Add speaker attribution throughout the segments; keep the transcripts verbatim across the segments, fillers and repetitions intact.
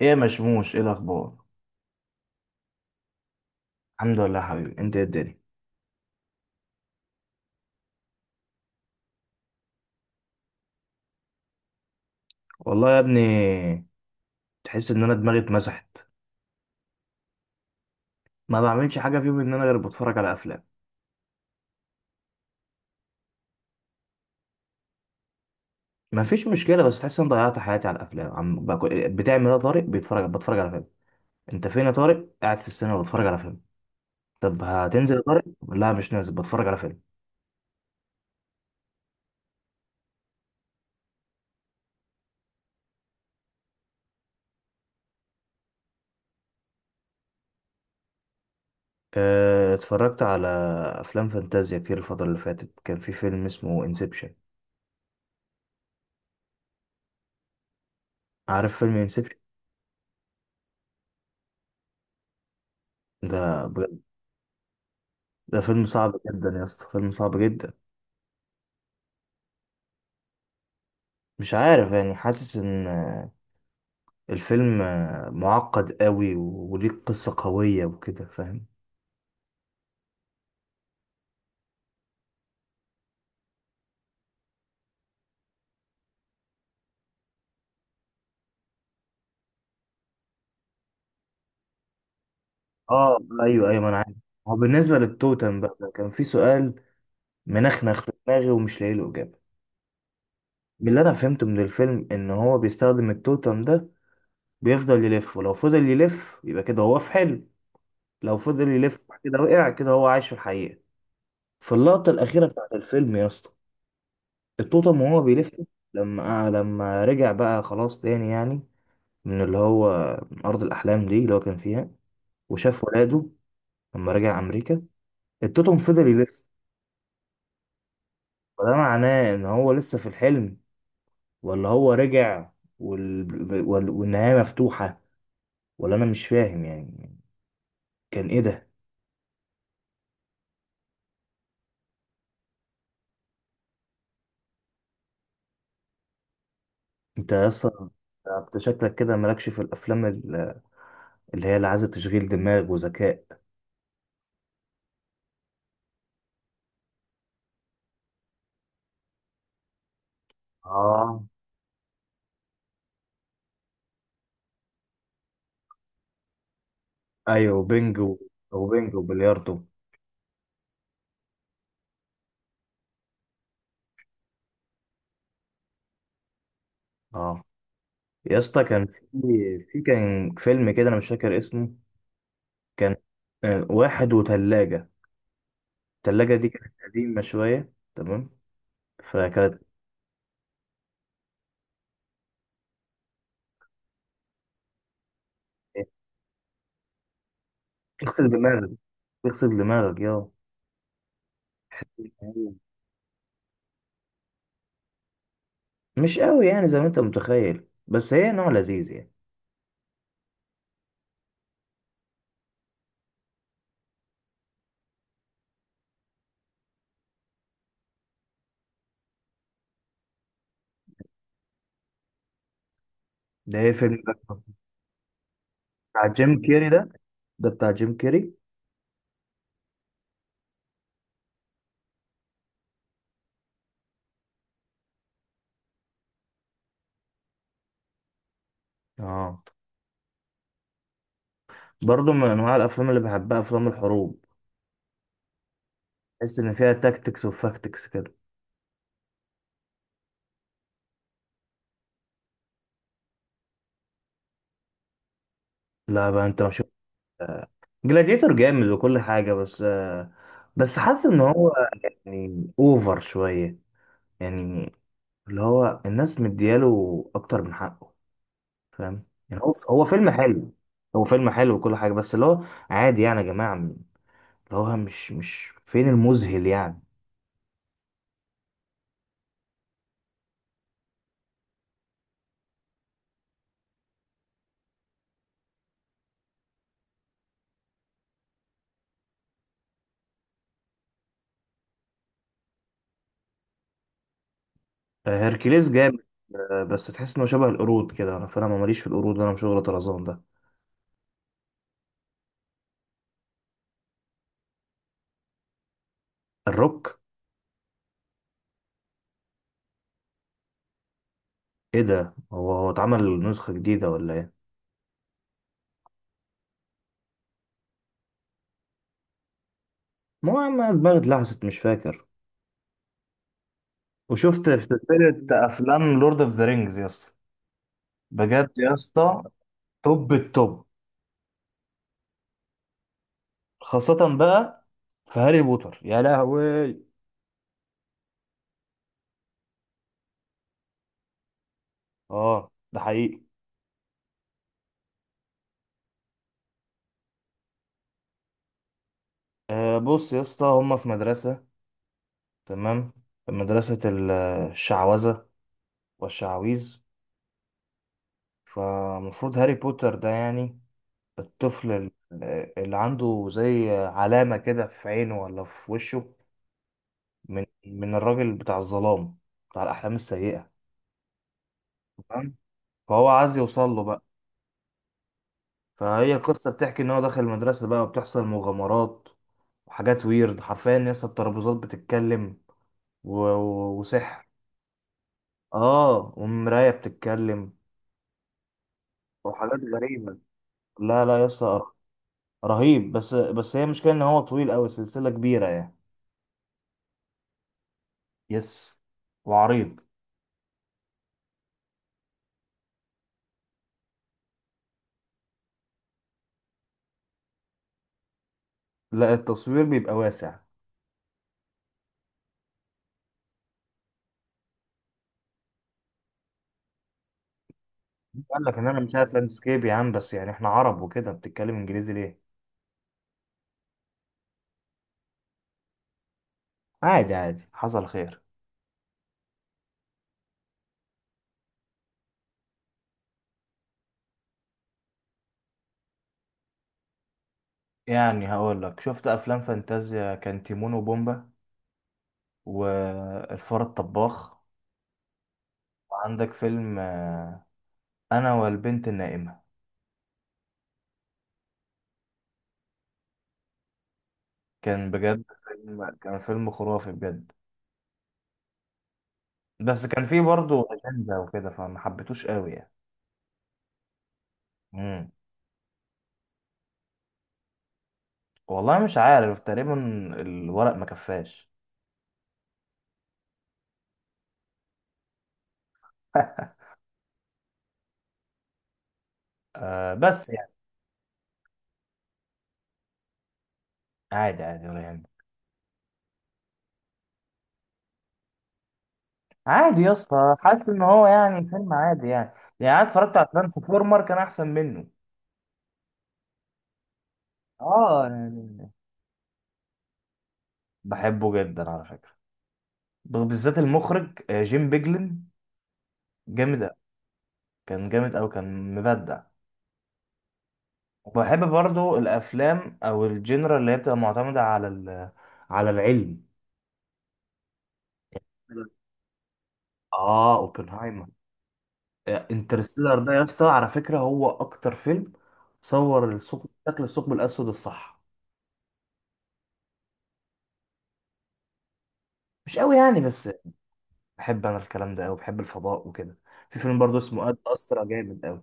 Speaker 1: ايه يا مشموش، ايه الاخبار؟ الحمد لله يا حبيبي، انت ايه الدنيا؟ والله يا ابني. تحس ان انا دماغي اتمسحت. ما بعملش حاجه في يومي ان انا غير بتفرج على افلام. ما فيش مشكله، بس تحس ان ضيعت حياتي على الافلام. عم باكل- بتعمل ايه يا طارق؟ بيتفرج بتفرج على فيلم. انت فين يا طارق؟ قاعد في السينما بتفرج على فيلم. طب هتنزل يا طارق؟ لا، مش نازل، بتفرج على فيلم. اه، اتفرجت على افلام فانتازيا كتير. الفتره اللي فاتت كان في فيلم اسمه انسبشن. عارف فيلم انسبشن؟ ده بجد. ده فيلم صعب جدا يا اسطى، فيلم صعب جدا. مش عارف يعني، حاسس ان الفيلم معقد قوي وليه قصة قوية وكده، فاهم؟ اه، ايوه، ايوه، ما انا عارف. هو بالنسبة للتوتم بقى، كان في سؤال منخنخ في دماغي ومش لاقي له اجابة. من اللي انا فهمته من الفيلم، ان هو بيستخدم التوتم ده. بيفضل يلف، ولو فضل يلف يبقى كده هو في حلم. لو فضل يلف كده وقع، كده هو عايش في الحقيقة. في اللقطة الأخيرة بتاعت الفيلم يا اسطى، التوتم وهو بيلف. لما لما رجع بقى خلاص تاني يعني، من اللي هو من أرض الأحلام دي اللي هو كان فيها، وشاف ولاده. لما رجع أمريكا، التوتم فضل يلف. فده معناه إن هو لسه في الحلم، ولا هو رجع؟ وال... وال... والنهاية مفتوحة، ولا أنا مش فاهم يعني؟ كان إيه ده؟ أنت أصلا، أنت شكلك كده مالكش في الأفلام ال- اللي هي اللي عايزة تشغيل دماغ وذكاء. آه، أيوه بينج و- وبينج وبلياردو. آه يا اسطى، كان في في كان فيلم كده أنا مش فاكر اسمه. كان آه، واحد وتلاجة. التلاجة دي كانت قديمة شوية، تمام. فكانت إيه، تغسل دماغك. تغسل دماغك يا. مش قوي يعني زي ما انت متخيل، بس هي نوع لذيذ يعني. ده ايه فيلم ده؟ بتاع جيم كيري ده؟ ده بتاع جيم كيري. اه، برضه من انواع الافلام اللي بحبها افلام الحروب. تحس ان فيها تاكتكس وفاكتكس كده. لا بقى انت مش. جلاديتور جامد وكل حاجه بس آه، بس حاسس ان هو يعني اوفر شويه، يعني. اللي هو الناس مدياله اكتر من حقه. فاهم يعني، هو هو فيلم حلو. هو فيلم حلو وكل حاجه، بس اللي هو عادي يعني يا جماعه، اللي هو مش مش فين المذهل يعني. آه، هيركليس جامد. آه، بس تحس انه شبه القرود كده. انا فانا ما ماليش في القرود، انا مش شغل طرزان ده. الروك؟ ايه ده؟ هو هو اتعمل نسخه جديده ولا ايه؟ ما هو عم دماغي اتلحست، مش فاكر. وشفت في سلسله افلام لورد اوف ذا رينجز يا اسطى؟ بجد يا اسطى. توب التوب. خاصة بقى في هاري بوتر يا لهوي. اه، ده حقيقي. آه، بص يا اسطى، هما في مدرسة. تمام. مدرسة ال- الشعوذة والشعاويذ. فمفروض هاري بوتر ده يعني الطفل ال- اللي عنده زي علامة كده في عينه ولا في وشه، من من الراجل بتاع الظلام، بتاع الأحلام السيئة. تمام. فهو عايز يوصل له بقى. فهي القصة بتحكي إن هو داخل المدرسة بقى وبتحصل مغامرات وحاجات، ويرد حرفيا ناس، الترابيزات بتتكلم، و... و- وسحر. اه، ومراية بتتكلم وحاجات غريبة. لا، لا يا اسطى، رهيب. بس بس هي مشكلة إن هو طويل أوي، سلسلة كبيرة يعني. يس. وعريض. لا، التصوير بيبقى واسع. قال لك إن أنا مش عارف لاندسكيب يا عم؟ بس يعني إحنا عرب وكده، بتتكلم إنجليزي ليه؟ عادي، عادي، حصل خير. يعني هقول لك، شفت أفلام فانتازيا، كان تيمون وبومبا والفار الطباخ. وعندك فيلم آه، أنا والبنت النائمة. كان بجد فيلم، كان فيلم خرافي بجد. بس كان فيه برضه أجندة وكده، فما حبيتوش قوي يعني. مم. والله مش عارف، تقريبا الورق ما كفاش. آه، بس يعني عادي، عادي، ولا يعني. عادي يا اسطى، حاسس ان هو يعني فيلم عادي يعني. يعني انا اتفرجت على ترانسفورمر كان احسن منه. اه، يعني بحبه جدا على فكرة، ب- بالذات المخرج آه، جيم بيجلن، جامد. كان جامد أوي، كان مبدع. وبحب برضو الأفلام أو الجنرا اللي هي بتبقى معتمدة على ال- على العلم. آه، أوبنهايمر. آه، انترستيلر ده يا اسطى، على فكرة هو أكتر فيلم صور الثقب، شكل الثقب الأسود الصح. مش أوي يعني، بس بحب أنا الكلام ده أوي، بحب الفضاء وكده. في فيلم برضو اسمه أد أسترا، جامد أوي.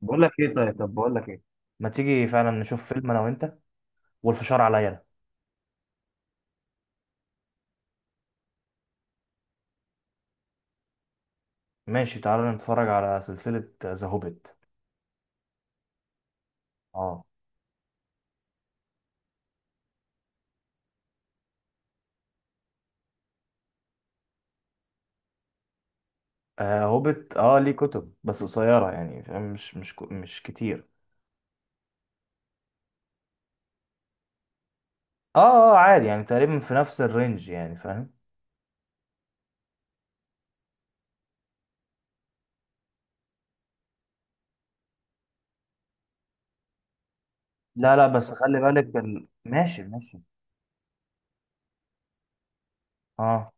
Speaker 1: بقول لك إيه طيب طب بقول لك إيه، ما تيجي فعلا نشوف فيلم أنا وأنت، والفشار عليا أنا. ماشي، تعالى نتفرج على سلسلة ذا هوبيت. آه. آه، هوبت، اه، ليه كتب بس قصيرة يعني، فاهم؟ مش مش كو- مش كتير. اه، اه، عادي يعني تقريبا في نفس الرينج يعني، فاهم؟ لا، لا، بس خلي بالك ال... ماشي، ماشي. اه،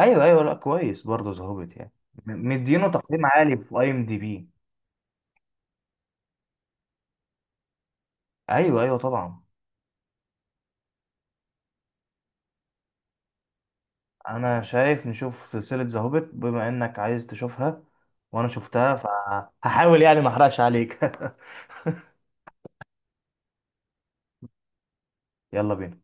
Speaker 1: ايوه، ايوه، لا كويس برضه ذا هوبت يعني. م- مدينه تقييم عالي في اي ام دي بي. ايوه، ايوه، طبعا. انا شايف نشوف سلسلة ذا هوبت بما انك عايز تشوفها، وانا شفتها فهحاول يعني ما احرقش عليك. يلا بينا.